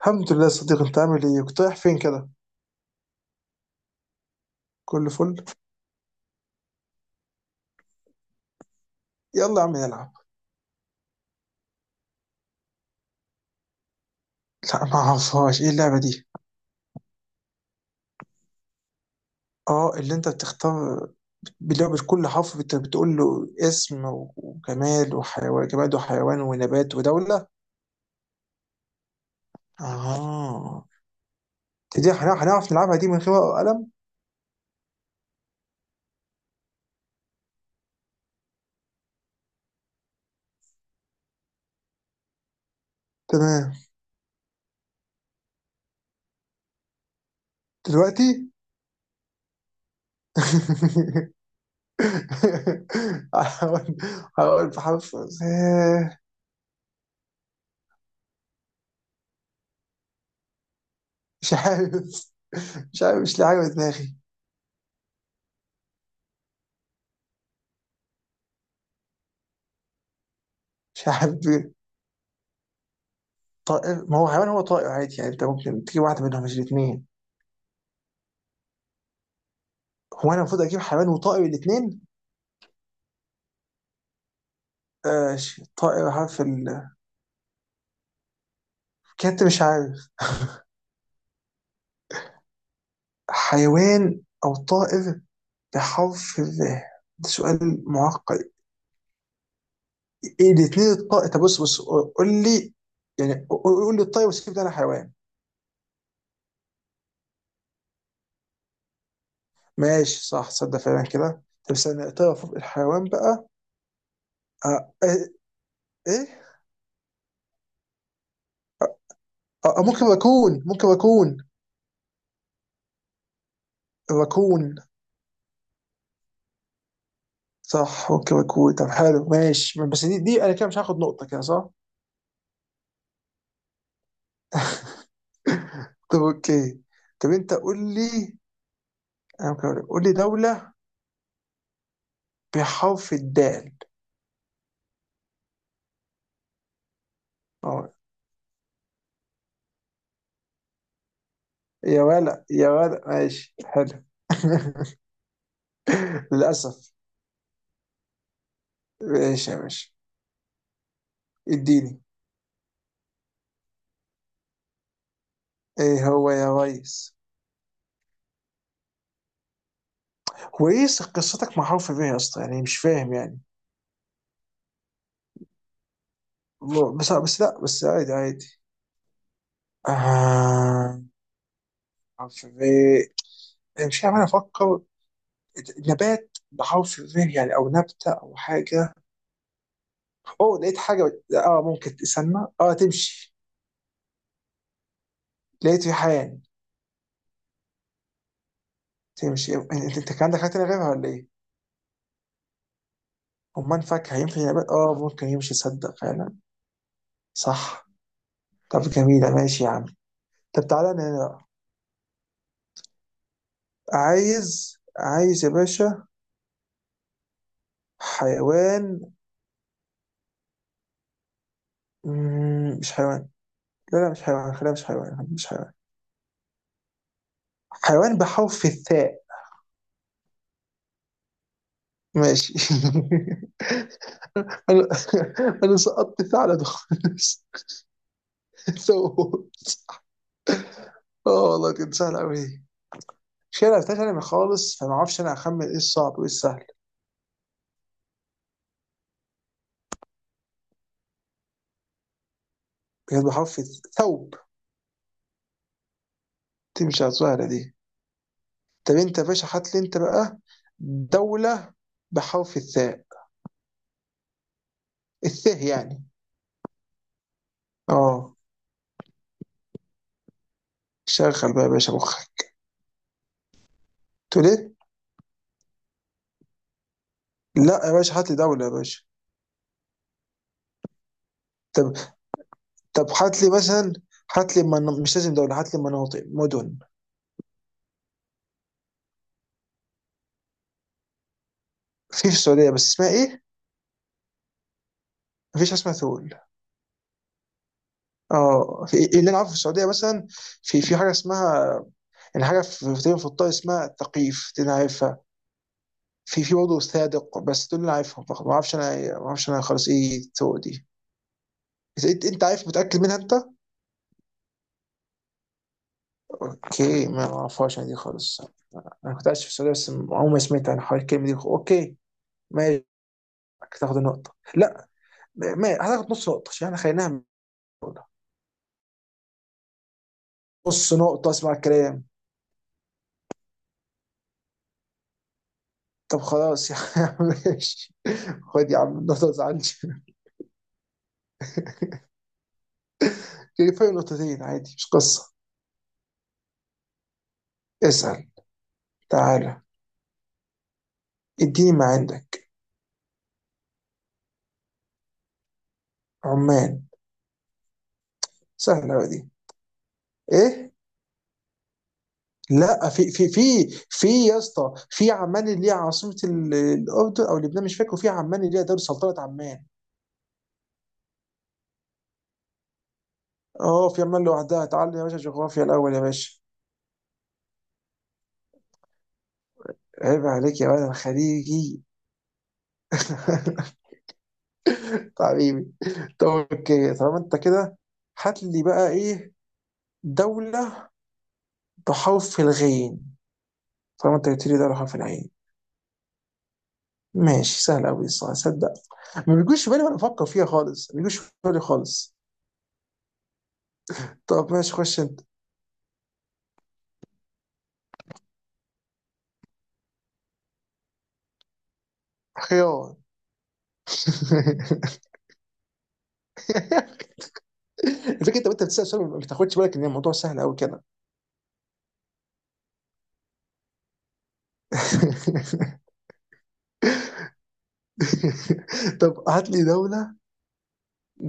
الحمد لله صديق، انت عامل ايه؟ كنت رايح فين كده؟ كله فل. يلا يا عم نلعب. لا ما اعرفهاش، ايه اللعبه دي؟ اه اللي انت بتختار. بلعبة كل حرف بتقول له اسم وجمال وحيوان، جماد وحيوان ونبات ودولة. اه دي هنعرف نلعبها دي من غير ورقة وقلم؟ تمام. دلوقتي. هقول، هقول بحرف مش عارف. مش عارف، مش لاقي حاجة في دماغي. مش عارف. طائر ما هو حيوان، هو طائر عادي يعني، انت ممكن تجيب واحده منهم مش الاثنين. هو انا المفروض اجيب حيوان وطائر الاثنين؟ آه طائر حرف ال. كنت مش عارف. حيوان او طائر بحرف ال. ده سؤال معقد. ايه الاثنين؟ الطائر طب بص قول لي، يعني قول لي الطائر وسيب ده، انا حيوان. ماشي صح، صدق فعلا كده. طب استنى، الطائر فوق، الحيوان بقى. آه، آه، ايه؟ ممكن ركون، ممكن ركون. ركون. صح، اوكي مكوي. طب حلو ماشي، بس دي انا كده مش هاخد نقطة كده صح؟ طب اوكي. طب انت قول لي. انا ممكن أقول لك. قول لي دولة بحرف الدال. اه يا ولا، يا ولا ماشي حلو. للأسف. ماشي يا باشا. اديني. ايه هو يا ريس؟ هو ايه قصتك مع حرف ب يا اسطى؟ يعني مش فاهم يعني. الله، بس لا بس عادي عادي. آه، حرف ب. مش عارف، انا افكر. نبات، بحاول في ذهني يعني، او نبته او حاجه. اوه لقيت حاجه. اه ممكن تستنى. اه تمشي. لقيت ريحان. تمشي انت. أنت كان عندك حاجه تانية غيرها ولا ايه؟ امال فاكهه ينفع نبات؟ اه ممكن يمشي، صدق فعلا. صح. طب جميله، ماشي يا عم. طب تعالى انا هنا. عايز، عايز يا باشا حيوان. مش حيوان. لا مش حيوان، خليها مش حيوان، مش حيوان. حيوان بحرف الثاء. ماشي. انا، انا سقطت ثعلب خالص. سوت. اه والله كانت سهله قوي. مش انا عرفتهاش انا من خالص، فما اعرفش انا اخمن ايه الصعب وايه السهل. كانت بحرف ثوب. تمشي على السهله دي. طب انت يا باشا هات لي انت بقى دوله بحرف الثاء. الثاء يعني. اه. شغل بقى يا باشا مخك. تقول ايه؟ لا يا باشا هات لي دوله يا باشا. طب، طب هات لي مثلا، هات لي من... مش لازم دوله، هات لي مناطق مدن. في في السعوديه، بس اسمها ايه؟ مفيش حاجه اسمها ثول. اه في إيه اللي انا عارفه في السعوديه مثلا، في في حاجه اسمها، يعني حاجه في الطائف اسمها ثقيف، دي انا عارفها. في في برضه صادق، بس دول اللي انا عارفهم فقط، ما اعرفش انا، ما اعرفش انا خالص ايه ثول دي. انت عارف متاكد منها انت؟ اوكي، ما اعرفهاش انا دي خالص. انا كنت عايش في السعوديه بس عمري ما سمعت عن حوار الكلمه دي. اوكي ماشي. هتاخد النقطه؟ لا، ما هتاخد نص نقطه عشان احنا خليناها من الأول. نص نقطه اسمع الكلام. طب خلاص يا عم، ماشي. خد يا عم النقطة، زعلتش. فرق نقطتين عادي، مش قصة. اسأل. تعالى اديني ما عندك. عمان. سهلة أوي دي. ايه؟ لا في في في يا اسطى، في عمان اللي هي عاصمة الأردن أو لبنان مش فاكر، وفي عمان اللي هي دولة سلطنة عمان. اه في عمان لوحدها، تعالى يا باشا جغرافيا الأول يا باشا. عيب عليك يا ولد، أنا خليجي. حبيبي. طب اوكي طالما انت كده، هات لي بقى ايه، دولة تحف الغين، طالما انت قلت لي ده تحف العين. ماشي سهل قوي الصراحه صدق. ما بيجوش في بالي وانا بفكر فيها خالص، ما بيجوش في بالي خالص. طب ماشي خش انت. خيار. الفكره انت وانت بتسال سؤال ما بتاخدش بالك ان الموضوع سهل قوي كده. طب هات لي دوله،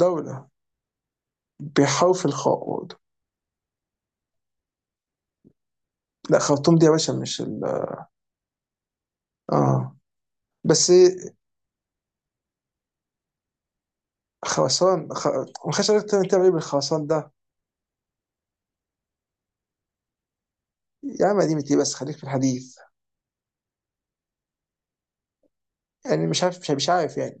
دوله بحرف الخاء برضه. لا خرطوم دي يا باشا مش ال. اه بس خرسان خ... ما خدش بالك، تعمل، تعمل ايه بالخرسان ده؟ يا عم قديمة ايه، بس خليك في الحديث. يعني مش عارف، مش عارف يعني.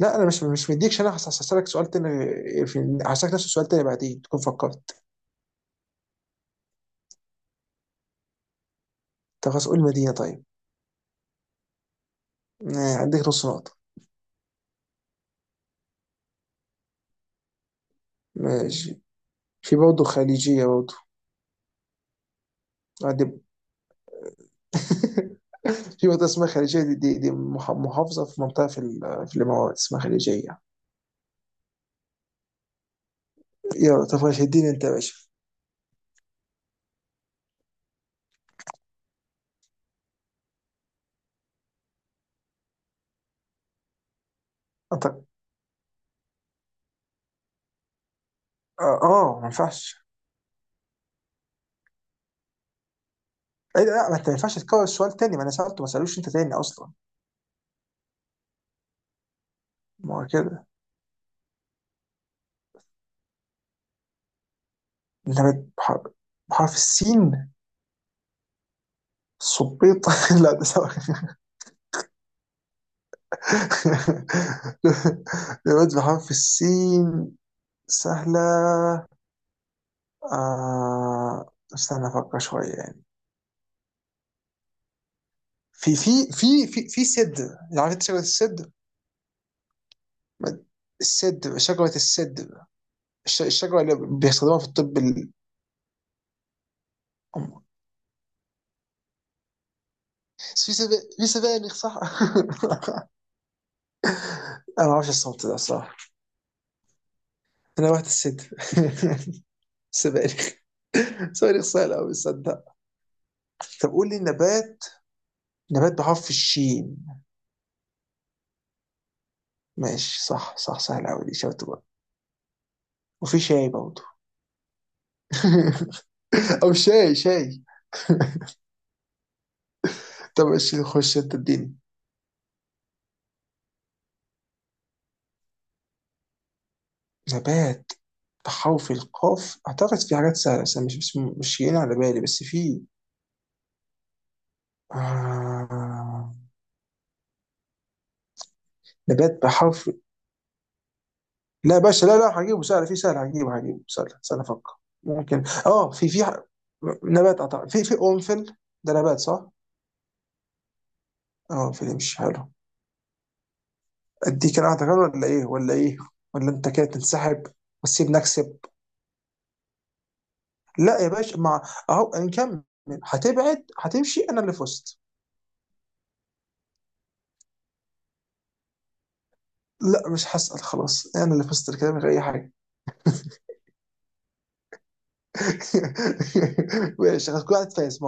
لا انا مش مديكش، انا هسألك سؤال تاني في هسألك نفس السؤال تاني بعدين تكون فكرت. طب خلاص قول مدينة طيب. عندك نص نقطة. ماشي. في برضه خليجية برضه. دي. في منطقة اسمها خليجية، دي محافظة، في منطقة في الإمارات اسمها خليجية. يلا طب ماشي، اديني أنت يا باشا. أنت. ما ينفعش. إيه ده؟ لا ما أنت ما ينفعش تكرر السؤال تاني، ما أنا سألته، ما سألوش أنت تاني أصلا. ما هو كده. أنت بحرف السين. صبيط. لا ده سوا. دلوقتي بحرف في السين. سهلة. آه استنى أفكر شوية يعني. في سدر، عارف أنت شجرة السدر؟ ما- السدر، شجرة السدر. الشجرة اللي بيستخدموها في الطب ال... في سب... في سبانخ صح؟ أنا ما أعرفش الصوت ده صح. أنا رحت السدر. سبانخ. سبانخ سهلة أوي صدق. طب قول لي نبات، نبات بحرف الشين. ماشي، صح صح، سهل أوي دي، شاطر بقى. وفي شاي برضه. أو شاي. طب ماشي خش أنت اديني. نبات بحرف القاف أعتقد في حاجات سهلة، بس أنا مش جايين على بالي، بس في آه... نبات بحرف، لا يا باشا لا هجيبه سهل، في سهل، هجيبه، هجيبه سهل، سهل أفكر. ممكن اه في نبات أعتقد في في قرنفل، ده نبات صح؟ اه قرنفل مش حلو. أديك أنا واحدة كمان ولا إيه ولا إيه، ولا أنت كده تنسحب وتسيبني أكسب؟ لا يا باشا، مع، اهو نكمل، هتبعد هتمشي انا اللي فزت. لا مش هسأل خلاص، انا اللي فزت الكلام من غير اي حاجه. ماشي خلاص، كل واحد فايز.